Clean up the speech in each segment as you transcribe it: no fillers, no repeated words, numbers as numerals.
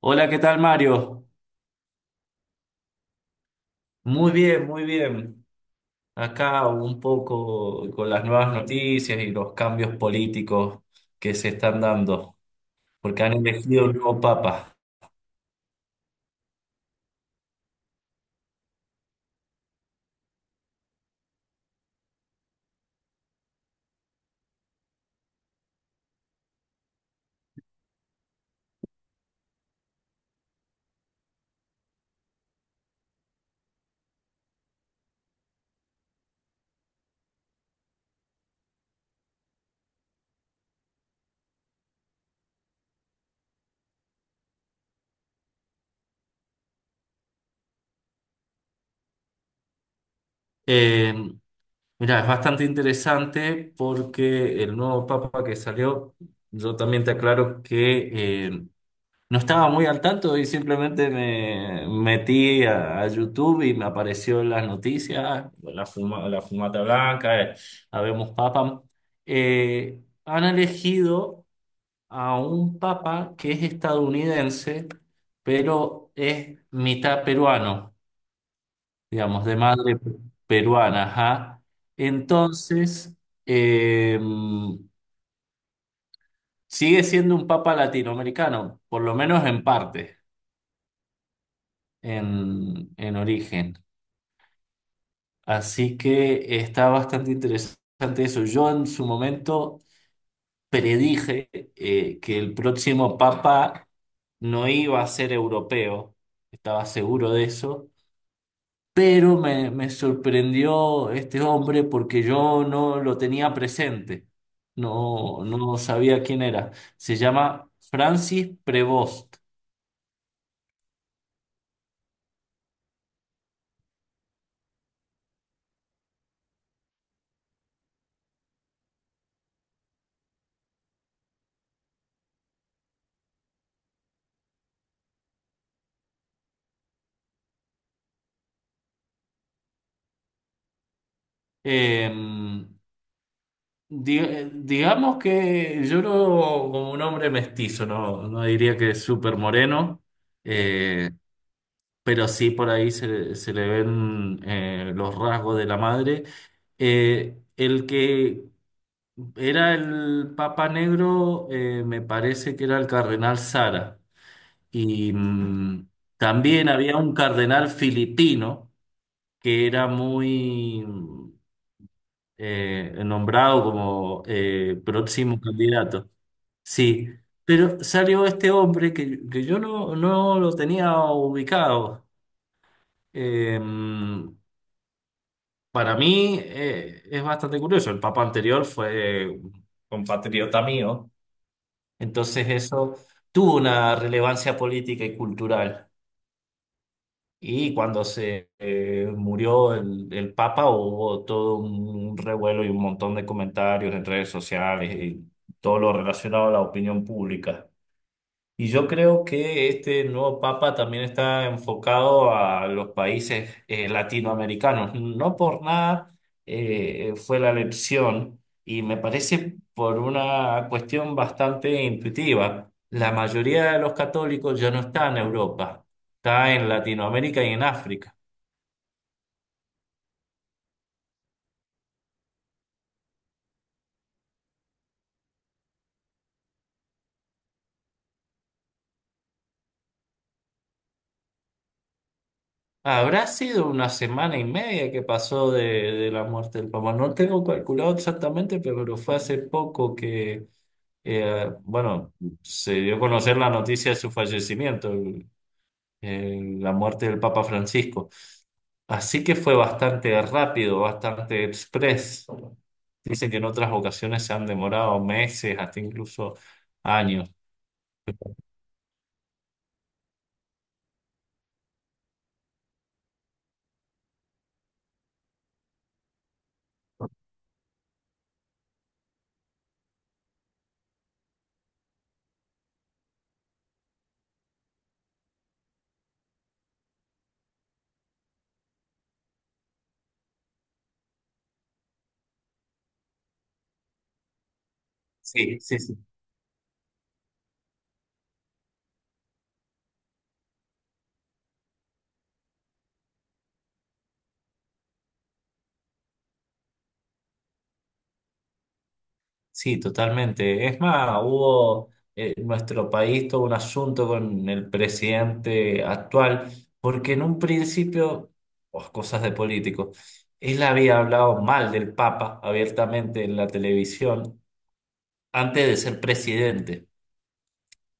Hola, ¿qué tal, Mario? Muy bien, muy bien. Acá un poco con las nuevas noticias y los cambios políticos que se están dando, porque han elegido un nuevo papa. Eh, Mira, es bastante interesante porque el nuevo papa que salió, yo también te aclaro que no estaba muy al tanto y simplemente me metí a YouTube y me apareció en las noticias, la fumata blanca, habemos papa. Eh, Han elegido a un papa que es estadounidense, pero es mitad peruano, digamos, de madre peruana, ajá. Entonces, eh, sigue siendo un papa latinoamericano, por lo menos en parte, en origen. Así que está bastante interesante eso. Yo en su momento predije, que el próximo papa no iba a ser europeo, estaba seguro de eso, pero me sorprendió este hombre porque yo no lo tenía presente, no, no sabía quién era. Se llama Francis Prevost. Em, digamos que yo no, como un hombre mestizo, no, no diría que es súper moreno, eh, pero sí por ahí se le ven, los rasgos de la madre. El que era el Papa Negro, me parece que era el Cardenal Sara. Y también había un cardenal filipino que era muy nombrado como próximo candidato. Sí, pero salió este hombre que yo no lo tenía ubicado. Eh, para mí, es bastante curioso. El papa anterior fue un compatriota mío, entonces eso tuvo una relevancia política y cultural. Y cuando se murió el papa, hubo todo un revuelo y un montón de comentarios en redes sociales y todo lo relacionado a la opinión pública. Y yo creo que este nuevo papa también está enfocado a los países latinoamericanos. No por nada fue la elección, y me parece por una cuestión bastante intuitiva. La mayoría de los católicos ya no está en Europa, está en Latinoamérica y en África. Habrá sido una semana y media que pasó de la muerte del papa. No tengo calculado exactamente, pero fue hace poco que, bueno, se dio a conocer la noticia de su fallecimiento, la muerte del Papa Francisco. Así que fue bastante rápido, bastante express. Dicen que en otras ocasiones se han demorado meses, hasta incluso años. Sí, sí, sí. Sí, totalmente. Es más, hubo, nuestro país todo un asunto con el presidente actual, porque en un principio, oh, cosas de políticos, él había hablado mal del Papa abiertamente en la televisión antes de ser presidente.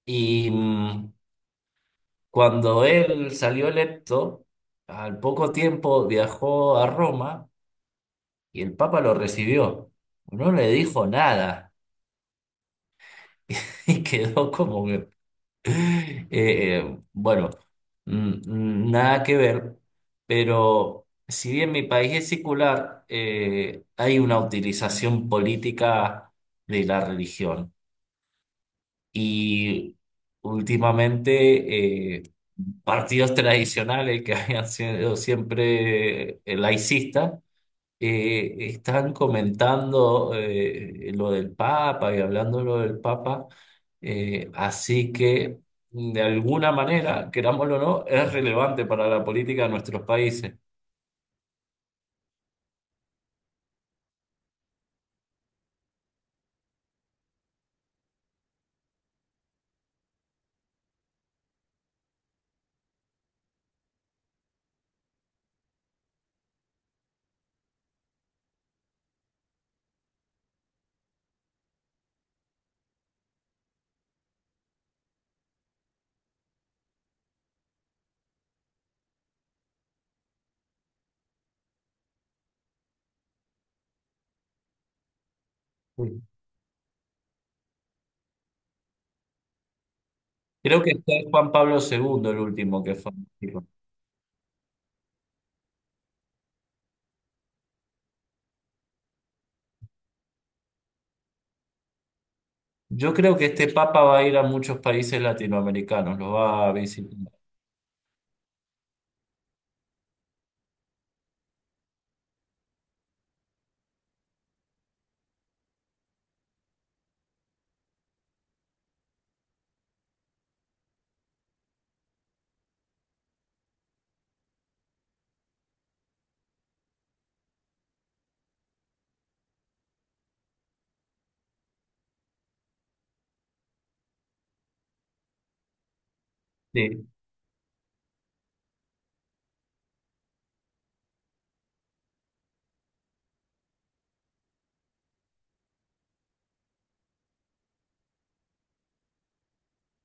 Y cuando él salió electo, al poco tiempo viajó a Roma y el Papa lo recibió. No le dijo nada y quedó como bueno, nada que ver, pero si bien mi país es secular, hay una utilización política de la religión. Y últimamente, partidos tradicionales que habían sido siempre, laicistas, están comentando, lo del Papa y hablando de lo del Papa, así que, de alguna manera, querámoslo o no, es relevante para la política de nuestros países. Sí. Creo que fue Juan Pablo II el último que fue. Yo creo que este Papa va a ir a muchos países latinoamericanos, los va a visitar.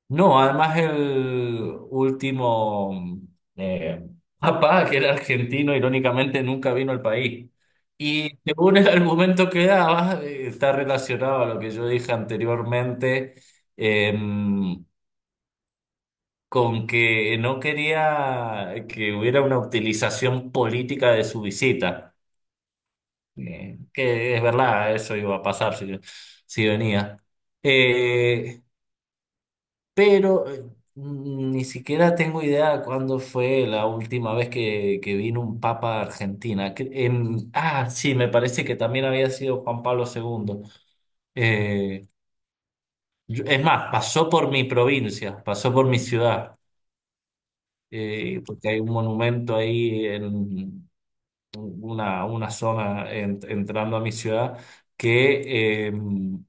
No, además el último, eh, papá, que era argentino, irónicamente nunca vino al país. Y según el argumento que daba, está relacionado a lo que yo dije anteriormente, em, con que no quería que hubiera una utilización política de su visita. Que es verdad, eso iba a pasar si venía. Eh, pero ni siquiera tengo idea cuándo fue la última vez que vino un papa a Argentina. Sí, me parece que también había sido Juan Pablo II. Eh, es más, pasó por mi provincia, pasó por mi ciudad, porque hay un monumento ahí en una zona entrando a mi ciudad que... em,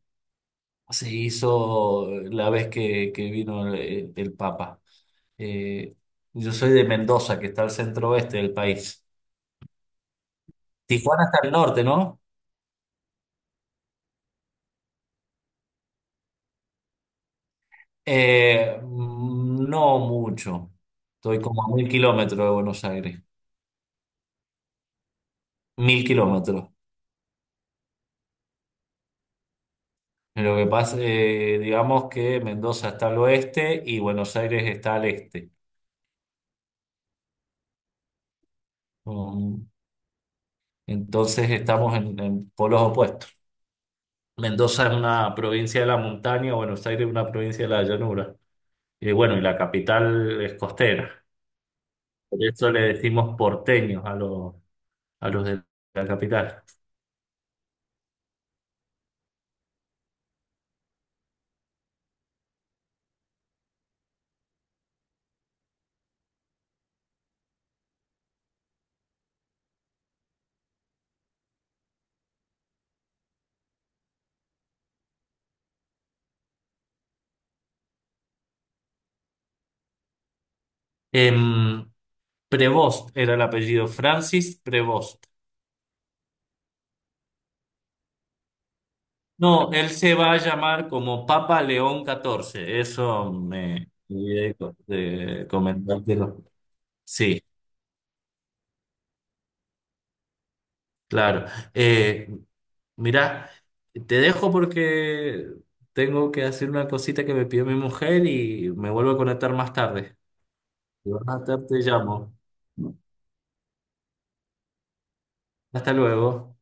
Se hizo la vez que vino el Papa. Eh, yo soy de Mendoza, que está al centro oeste del país. Tijuana está al norte, ¿no? No mucho. Estoy como a 1000 kilómetros de Buenos Aires. 1000 kilómetros. Lo que pasa, digamos que Mendoza está al oeste y Buenos Aires está al este. Um, entonces estamos en, polos opuestos. Mendoza es una provincia de la montaña, Buenos Aires es una provincia de la llanura. Y bueno, y la capital es costera. Por eso le decimos porteños, a los de la capital. Em, Prevost era el apellido, Francis Prevost. No, él se va a llamar como Papa León XIV. Eso me olvidé de comentártelo. Sí, claro. Eh, Mirá, te dejo porque tengo que hacer una cosita que me pidió mi mujer y me vuelvo a conectar más tarde. Más tarde te llamo. Hasta luego.